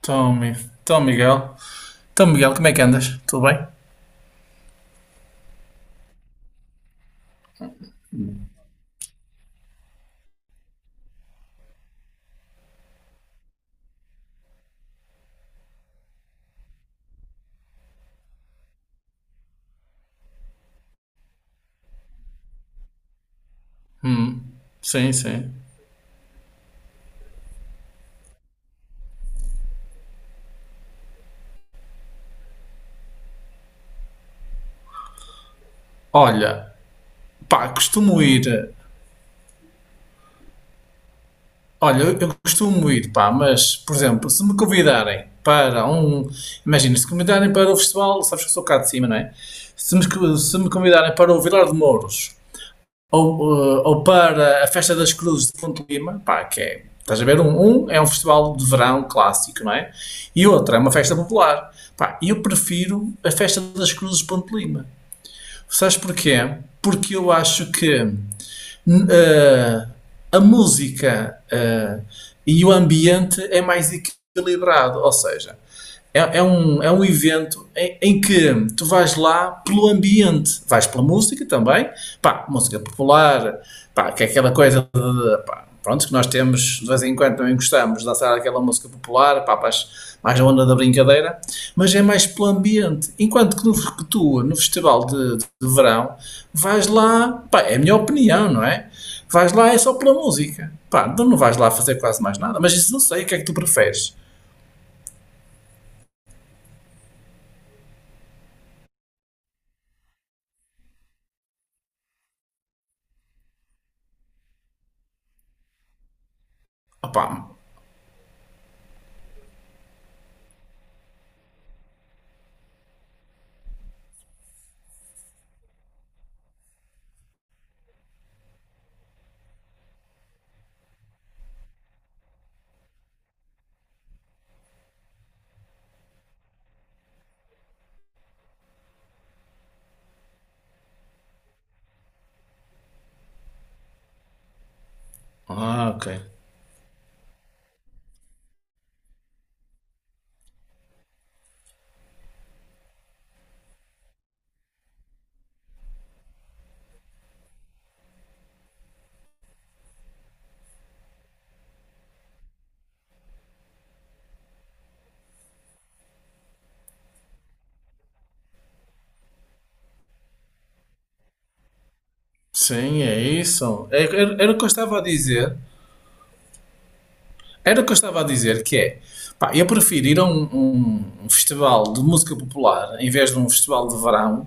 Então, Miguel. Então, Miguel, como é que andas? Tudo bem? Sim, sim. Olha, pá, costumo ir. Olha, eu costumo ir, pá, mas, por exemplo, se me convidarem para um. Imagina, se convidarem para o festival, sabes que eu sou cá de cima, não é? Se me convidarem para o Vilar de Mouros ou para a Festa das Cruzes de Fonte Lima, pá, que é. Estás a ver? Um é um festival de verão clássico, não é? E outra é uma festa popular. Pá, eu prefiro a Festa das Cruzes de Ponte Lima. Sabes porquê? Porque eu acho que eh, a música e o ambiente é mais equilibrado, ou seja, é um evento em que tu vais lá pelo ambiente, vais pela música também, pá, música popular, pá, que é aquela coisa pá, pronto, que nós temos de vez em quando também gostamos de dançar aquela música popular, pá, mais a onda da brincadeira, mas é mais pelo ambiente. Enquanto que, no festival de verão, vais lá, pá, é a minha opinião, não é? Vais lá é só pela música, pá, então não vais lá fazer quase mais nada, mas isso não sei, o que é que tu preferes? Opá, ah, ok. Sim, é isso. Era o que eu estava a dizer. Era o que eu estava a dizer, que é, pá, eu prefiro ir a um festival de música popular em vez de um festival de verão,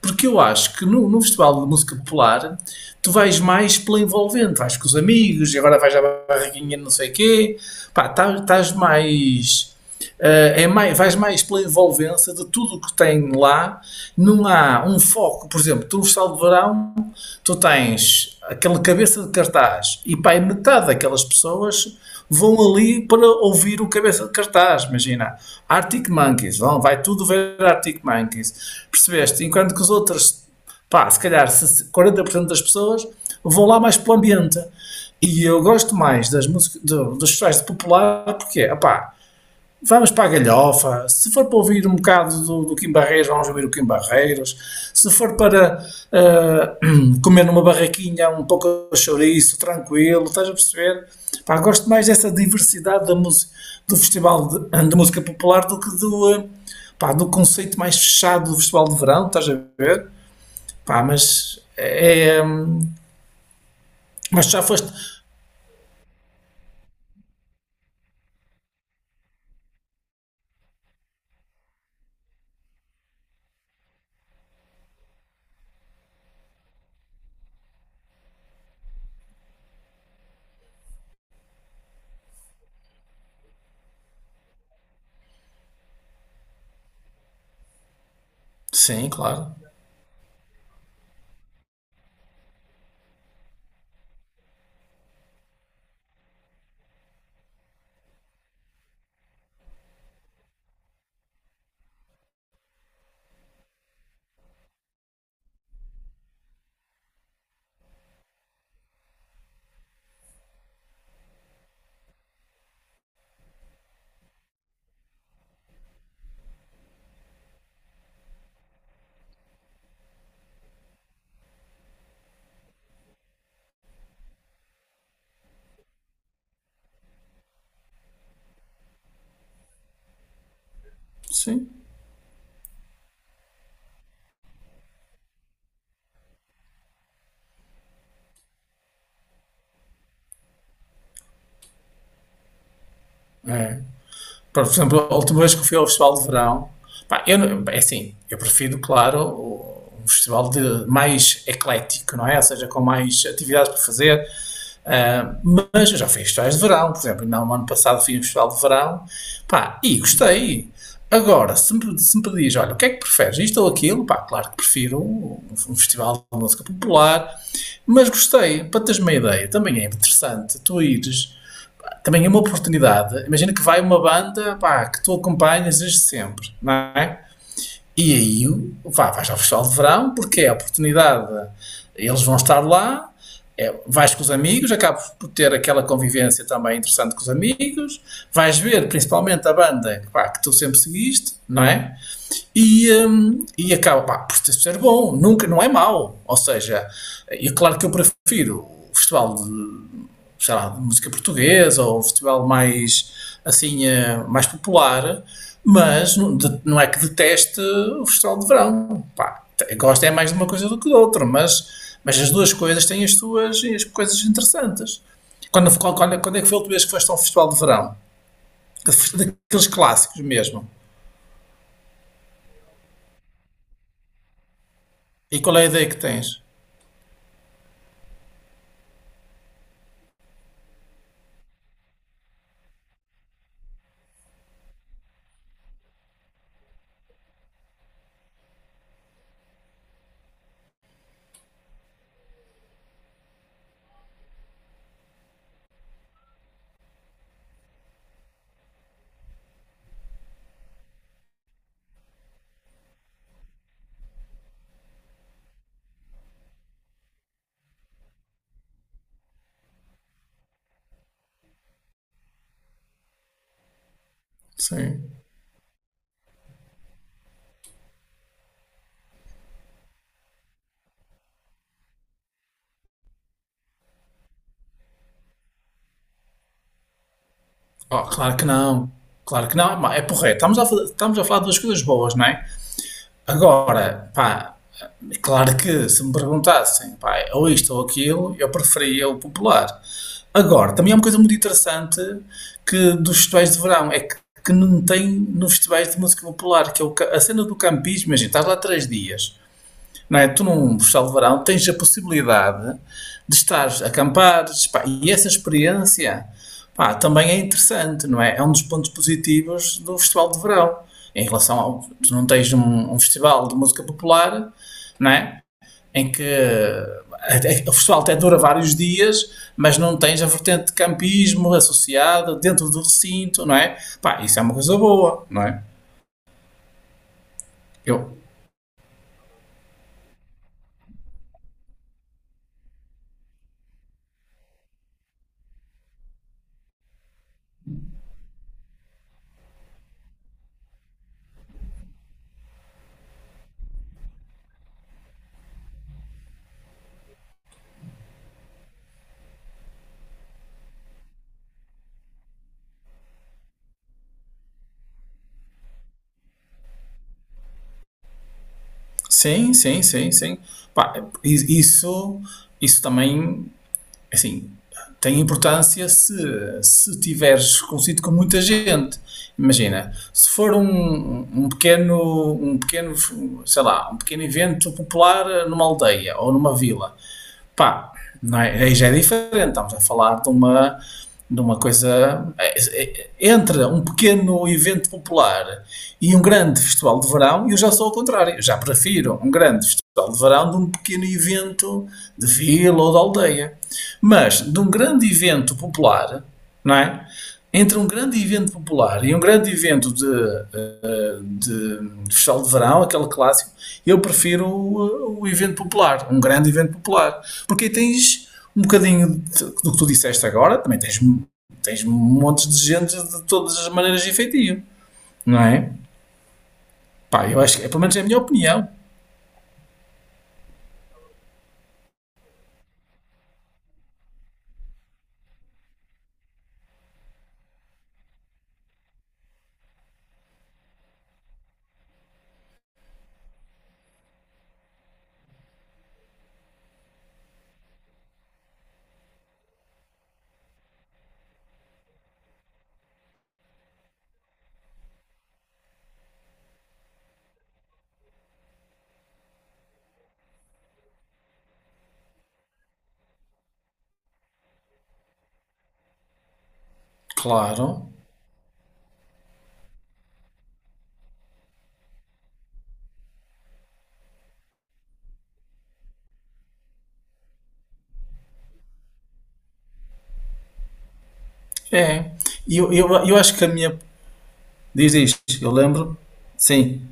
porque eu acho que no festival de música popular tu vais mais pela envolvente, vais com os amigos, e agora vais à barraquinha de não sei quê, pá, estás mais, é mais, vais mais pela envolvência de tudo o que tem lá, não há um foco, por exemplo, tu no festival de verão tu tens aquela cabeça de cartaz cartaz. E pá, metade daquelas pessoas vão ali para ouvir o cabeça de cartaz. Imagina, Arctic Monkeys, vão, vai tudo ver Arctic Monkeys. Percebeste? Enquanto que os outros, pá, se calhar 40% das pessoas vão lá mais para o ambiente. E eu gosto mais das músicas, dos festivais de popular, porque, pá, vamos para a galhofa. Se for para ouvir um bocado do Kim Barreiros, vamos ouvir o Kim Barreiros. Se for para comer numa barraquinha um pouco de chouriço, tranquilo, estás a perceber? Pá, gosto mais dessa diversidade da música, do Festival de, de Música Popular do que do conceito mais fechado do Festival de Verão, estás a ver? Pá, mas é. Mas já foste. Sim, claro. Sim. Por exemplo, a última vez que eu fui ao Festival de Verão, pá, eu, não- é assim, eu prefiro, claro, um festival de, mais eclético, não é? Ou seja, com mais atividades para fazer. Mas eu já fiz festivais de verão, por exemplo, ainda no ano passado fiz um festival de verão, pá, e gostei. Agora, se me pedis, olha, o que é que preferes, isto ou aquilo, pá, claro que prefiro um festival de música popular, mas gostei, para teres uma ideia, também é interessante tu ires, pá, também é uma oportunidade, imagina que vai uma banda, pá, que tu acompanhas desde sempre, não é? E aí vá, vais ao Festival de Verão, porque é a oportunidade. Eles vão estar lá, é, vais com os amigos, acabas por ter aquela convivência também interessante com os amigos, vais ver principalmente a banda pá, que tu sempre seguiste, não é? E acaba pá, por ser bom, nunca, não é mau. Ou seja, e claro que eu prefiro o Festival de sei lá, de música portuguesa ou um festival mais, assim, mais popular, mas não, é que deteste o festival de verão. Pá, gosta é mais de uma coisa do que de outra, mas as duas coisas têm as suas as coisas interessantes. Quando é que foi a última vez que foste a um festival de verão? Daqueles clássicos mesmo. E qual é a ideia que tens? Sim. Oh, claro que não. Claro que não. É porreiro. Estamos a falar de duas coisas boas, não é? Agora, pá, é claro que se me perguntassem, pá, ou isto ou aquilo, eu preferia o popular. Agora, também há uma coisa muito interessante que dos festivais de verão, é que não tem nos festivais de música popular, que é a cena do campismo, imagina, estás lá três dias, não é? Tu num festival de verão tens a possibilidade de estar a acampar, pá, e essa experiência, pá, também é interessante, não é? É um dos pontos positivos do festival de verão. Em relação ao, tu não tens um festival de música popular, não é? Em que é, o festival até dura vários dias, mas não tens a vertente de campismo associada dentro do recinto, não é? Pá, isso é uma coisa boa, não é? Eu, sim, sim, sim, sim. Pá, i- isso, isso também, assim, tem importância se tiveres consigo com muita gente. Imagina, se for sei lá, um pequeno evento popular numa aldeia ou numa vila. Pá, não é? Aí já é diferente, estamos a falar de uma coisa. Entre um pequeno evento popular e um grande festival de verão, eu já sou ao contrário. Eu já prefiro um grande festival de verão de um pequeno evento de vila ou de aldeia. Mas de um grande evento popular, não é? Entre um grande evento popular e um grande evento de festival de verão, aquele clássico, eu prefiro o evento popular, um grande evento popular, porque aí tens um bocadinho de, do que tu disseste agora, também tens montes de gente de todas as maneiras de efetivo, não é? Pá, eu acho que, pelo menos é a minha opinião, claro, é. E eu acho que a minha, diz isto, eu lembro, sim,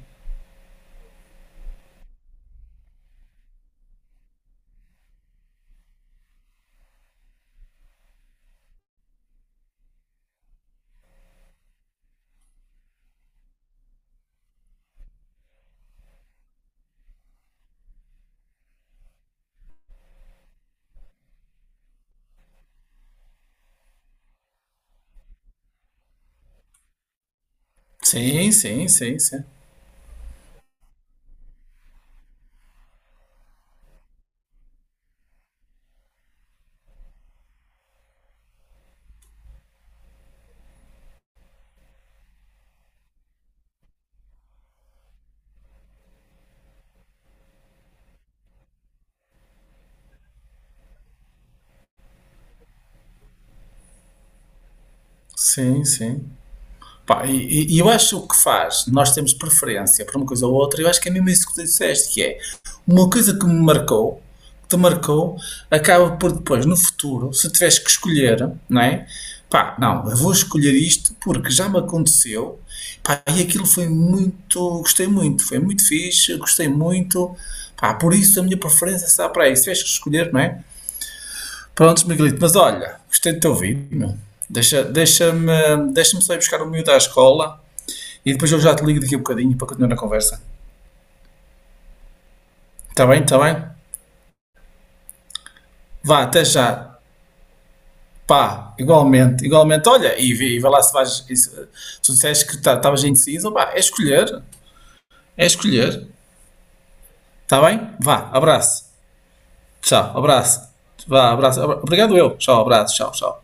sim, sim, sim, sim, sim, sim. Pá, e eu acho que o que faz, nós temos preferência por uma coisa ou outra, eu acho que é mesmo isso que tu disseste, que é uma coisa que me marcou, que te marcou, acaba por depois, no futuro, se tivesse que escolher, não é? Pá, não, eu vou escolher isto porque já me aconteceu, pá, e aquilo foi muito, gostei muito, foi muito fixe, gostei muito, pá, por isso a minha preferência está para aí, se tivesse que escolher, não é? Prontos, Miguelito, mas olha, gostei de te ouvir, meu. Deixa, deixa-me, deixa-me só ir buscar o miúdo à escola e depois eu já te ligo daqui a um bocadinho para continuar a conversa. Está bem? Está bem? Vá, até já. Pá, igualmente, igualmente. Olha, e vai lá se vais. Tu disseste que estavas indeciso, pá, é escolher. É escolher. Está bem? Vá, abraço. Tchau, abraço. Vá, abraço. Obrigado eu. Tchau, abraço. Tchau, tchau.